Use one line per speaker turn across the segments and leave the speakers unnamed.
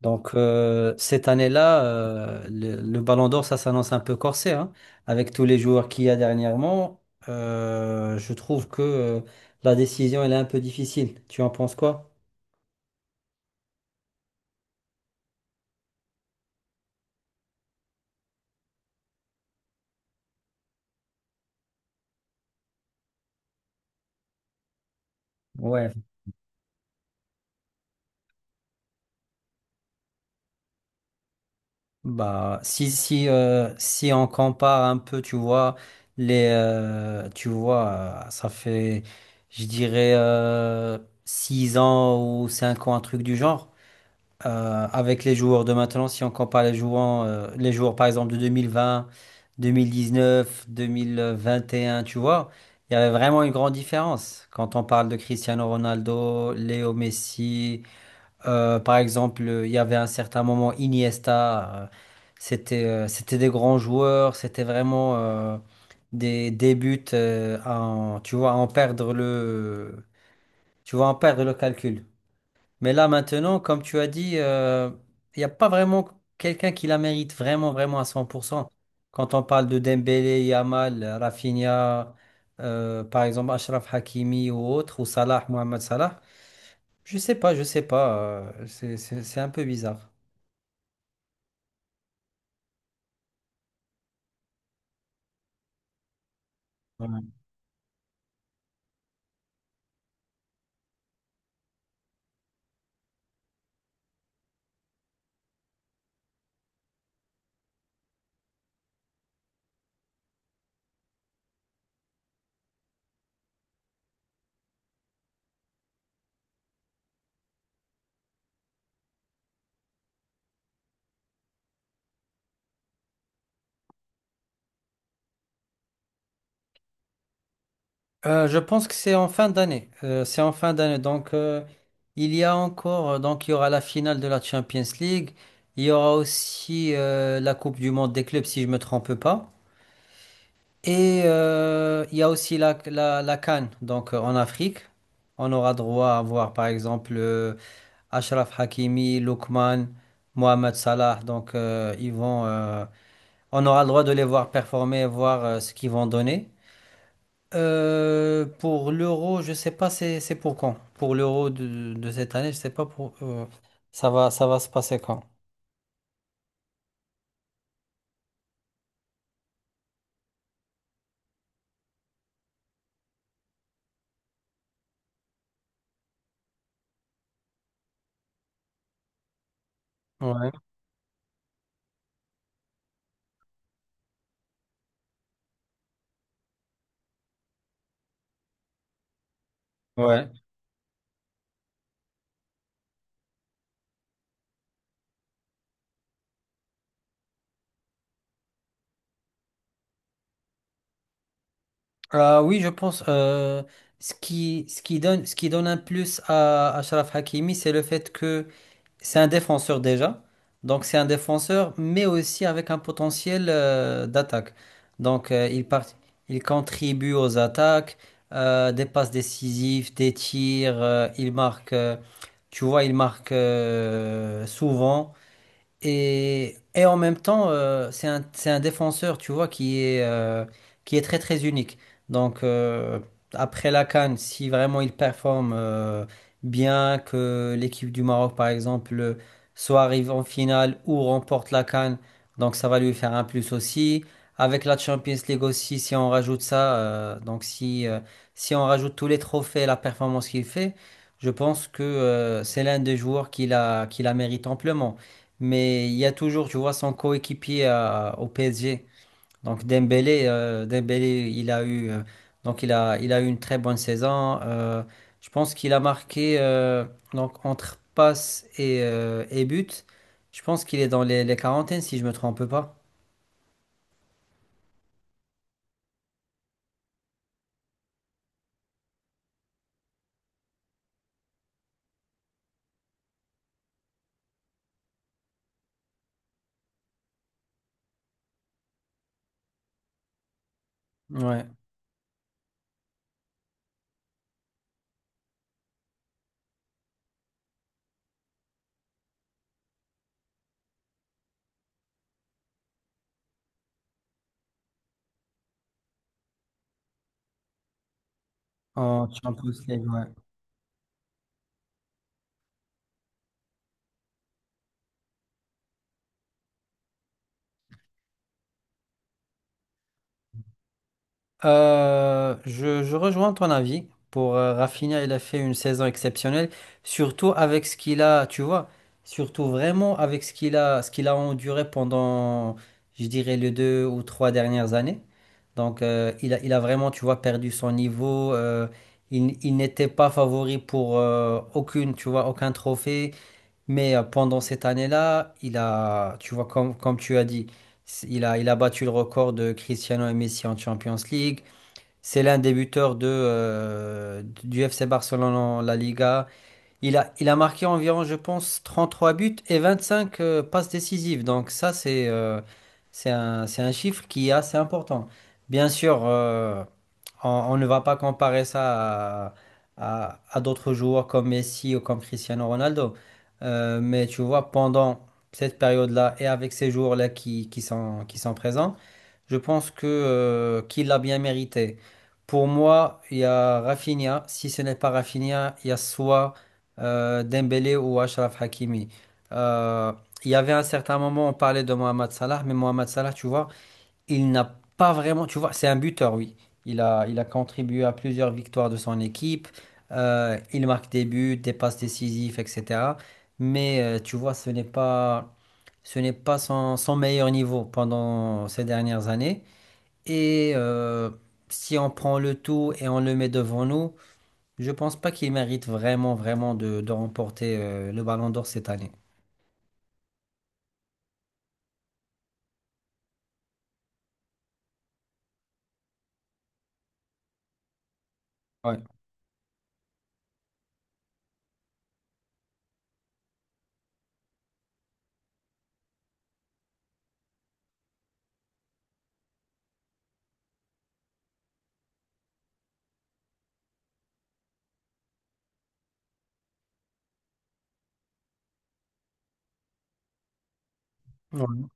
Donc cette année-là, le Ballon d'Or, ça s'annonce un peu corsé, hein, avec tous les joueurs qu'il y a dernièrement. Je trouve que la décision, elle est un peu difficile. Tu en penses quoi? Ouais, bah si on compare un peu, tu vois les tu vois ça fait je dirais 6 ans ou 5 ans un truc du genre. Avec les joueurs de maintenant, si on compare les joueurs par exemple de 2020, 2019, 2021, tu vois, il y avait vraiment une grande différence. Quand on parle de Cristiano Ronaldo, Léo Messi, par exemple, il y avait un certain moment Iniesta, c'était des grands joueurs, c'était vraiment des buts tu vois, à en perdre tu vois, à en perdre le calcul. Mais là, maintenant, comme tu as dit, il n'y a pas vraiment quelqu'un qui la mérite vraiment, vraiment à 100%. Quand on parle de Dembélé, Yamal, Rafinha, par exemple, Achraf Hakimi ou autre, ou Salah, Mohamed Salah, je sais pas, je sais pas. C'est un peu bizarre. Ouais. Je pense que c'est en fin d'année. C'est en fin d'année. Donc, il y a encore, donc, il y aura la finale de la Champions League. Il y aura aussi la Coupe du Monde des clubs, si je me trompe pas. Et il y a aussi la CAN, donc en Afrique. On aura droit à voir par exemple Achraf Hakimi, Lookman, Mohamed Salah. Donc on aura le droit de les voir performer, voir ce qu'ils vont donner. Pour l'euro, je sais pas c'est pour quand. Pour l'euro de cette année, je sais pas pour ça va se passer quand. Ouais, ouais. Ah oui, je pense ce qui donne un plus à Achraf Hakimi, c'est le fait que c'est un défenseur déjà. Donc c'est un défenseur, mais aussi avec un potentiel d'attaque. Donc il part, il contribue aux attaques, des passes décisives, des tirs, il marque, tu vois, il marque souvent. Et en même temps, c'est un défenseur, tu vois, qui est très très unique. Donc après la CAN, si vraiment il performe bien, que l'équipe du Maroc, par exemple, soit arrive en finale ou remporte la CAN, donc ça va lui faire un plus aussi. Avec la Champions League aussi, si on rajoute ça, donc si, si on rajoute tous les trophées et la performance qu'il fait, je pense que c'est l'un des joueurs qui la mérite amplement. Mais il y a toujours, tu vois, son coéquipier au PSG. Donc Dembélé, Dembélé, donc il a eu une très bonne saison. Je pense qu'il a marqué donc entre passes et buts. Je pense qu'il est dans les quarantaines, si je me trompe pas. Ouais, en Champions League, ouais. Je rejoins ton avis. Pour Rafinha, il a fait une saison exceptionnelle, surtout avec ce qu'il a, tu vois, surtout vraiment avec ce qu'il a enduré pendant, je dirais, les deux ou trois dernières années. Donc, il a vraiment, tu vois, perdu son niveau. Il n'était pas favori pour aucune, tu vois, aucun trophée. Mais pendant cette année-là, tu vois, comme tu as dit, il a battu le record de Cristiano et Messi en Champions League. C'est l'un des buteurs du FC Barcelone en La Liga. Il a marqué environ, je pense, 33 buts et 25 passes décisives. Donc ça, c'est c'est un chiffre qui est assez important. Bien sûr, on ne va pas comparer ça à d'autres joueurs comme Messi ou comme Cristiano Ronaldo. Mais tu vois, pendant cette période-là et avec ces joueurs-là qui sont présents, je pense que qu'il l'a bien mérité. Pour moi, il y a Rafinha. Si ce n'est pas Rafinha, il y a soit Dembélé ou Achraf Hakimi. Euh, il y avait un certain moment, on parlait de Mohamed Salah, mais Mohamed Salah, tu vois, il n'a pas vraiment, tu vois, c'est un buteur, oui. Il a contribué à plusieurs victoires de son équipe. Il marque des buts, des passes décisives, etc. Mais tu vois, ce n'est pas son meilleur niveau pendant ces dernières années. Et si on prend le tout et on le met devant nous, je pense pas qu'il mérite vraiment, vraiment de remporter le Ballon d'Or cette année. Ouais. Ouais.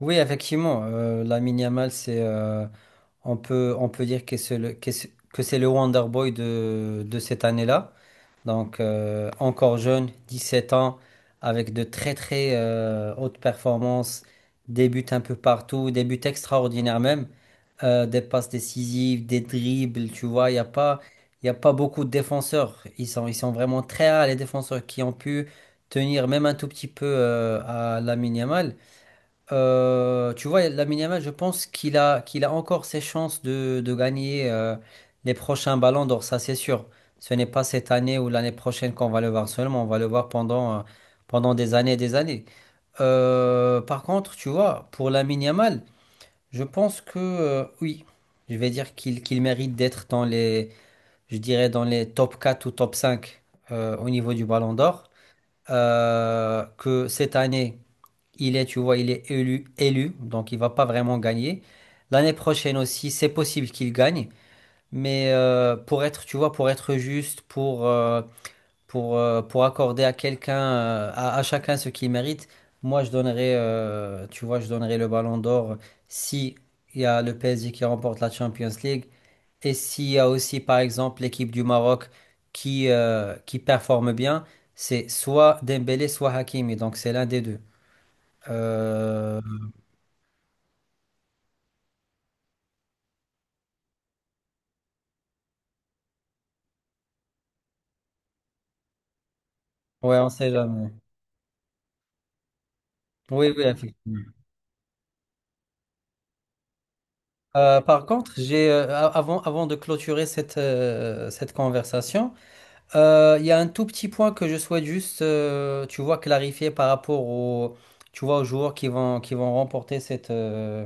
Oui, effectivement, Lamine Yamal, on peut dire que c'est le Wonder Boy de cette année-là. Donc, encore jeune, 17 ans, avec de très très hautes performances, des buts un peu partout, des buts extraordinaires même, des passes décisives, des dribbles, tu vois, il y a pas beaucoup de défenseurs. Ils sont vraiment très rares, les défenseurs qui ont pu tenir même un tout petit peu à la minimale tu vois, Lamine Yamal, je pense qu'il a encore ses chances de gagner les prochains ballons d'or, ça c'est sûr. Ce n'est pas cette année ou l'année prochaine qu'on va le voir seulement, on va le voir pendant, pendant des années et des années. Par contre, tu vois, pour Lamine Yamal, je pense que oui, je vais dire qu'il mérite d'être dans je dirais, dans les top 4 ou top 5 au niveau du ballon d'or. Que cette année. Il est, tu vois, élu, donc il va pas vraiment gagner. L'année prochaine aussi, c'est possible qu'il gagne, mais pour être, tu vois, pour être juste, pour accorder à quelqu'un, à chacun ce qu'il mérite, moi je donnerais, tu vois, je donnerais le Ballon d'Or si il y a le PSG qui remporte la Champions League et s'il y a aussi, par exemple, l'équipe du Maroc qui performe bien, c'est soit Dembélé, soit Hakimi, donc c'est l'un des deux. Euh, Ouais, on sait jamais. Oui, oui, effectivement. Par contre, avant, avant de clôturer cette, cette conversation, il y a un tout petit point que je souhaite juste, tu vois, clarifier par rapport tu vois, aux joueurs qui vont remporter cette,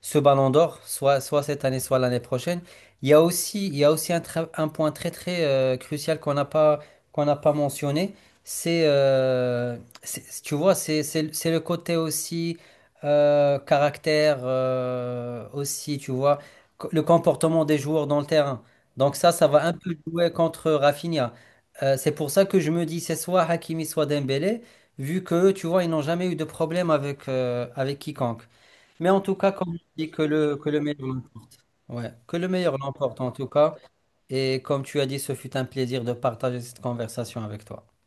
ce Ballon d'Or, soit cette année, soit l'année prochaine. Il y a aussi un point très très crucial qu'on n'a pas mentionné. C'est, tu vois, c'est le côté aussi caractère, aussi, tu vois, le comportement des joueurs dans le terrain. Donc ça va un peu jouer contre Rafinha. C'est pour ça que je me dis, c'est soit Hakimi, soit Dembélé, vu que, tu vois, ils n'ont jamais eu de problème avec, avec quiconque. Mais en tout cas, comme on dit, que que le meilleur l'emporte. Ouais, que le meilleur l'emporte en tout cas. Et comme tu as dit, ce fut un plaisir de partager cette conversation avec toi.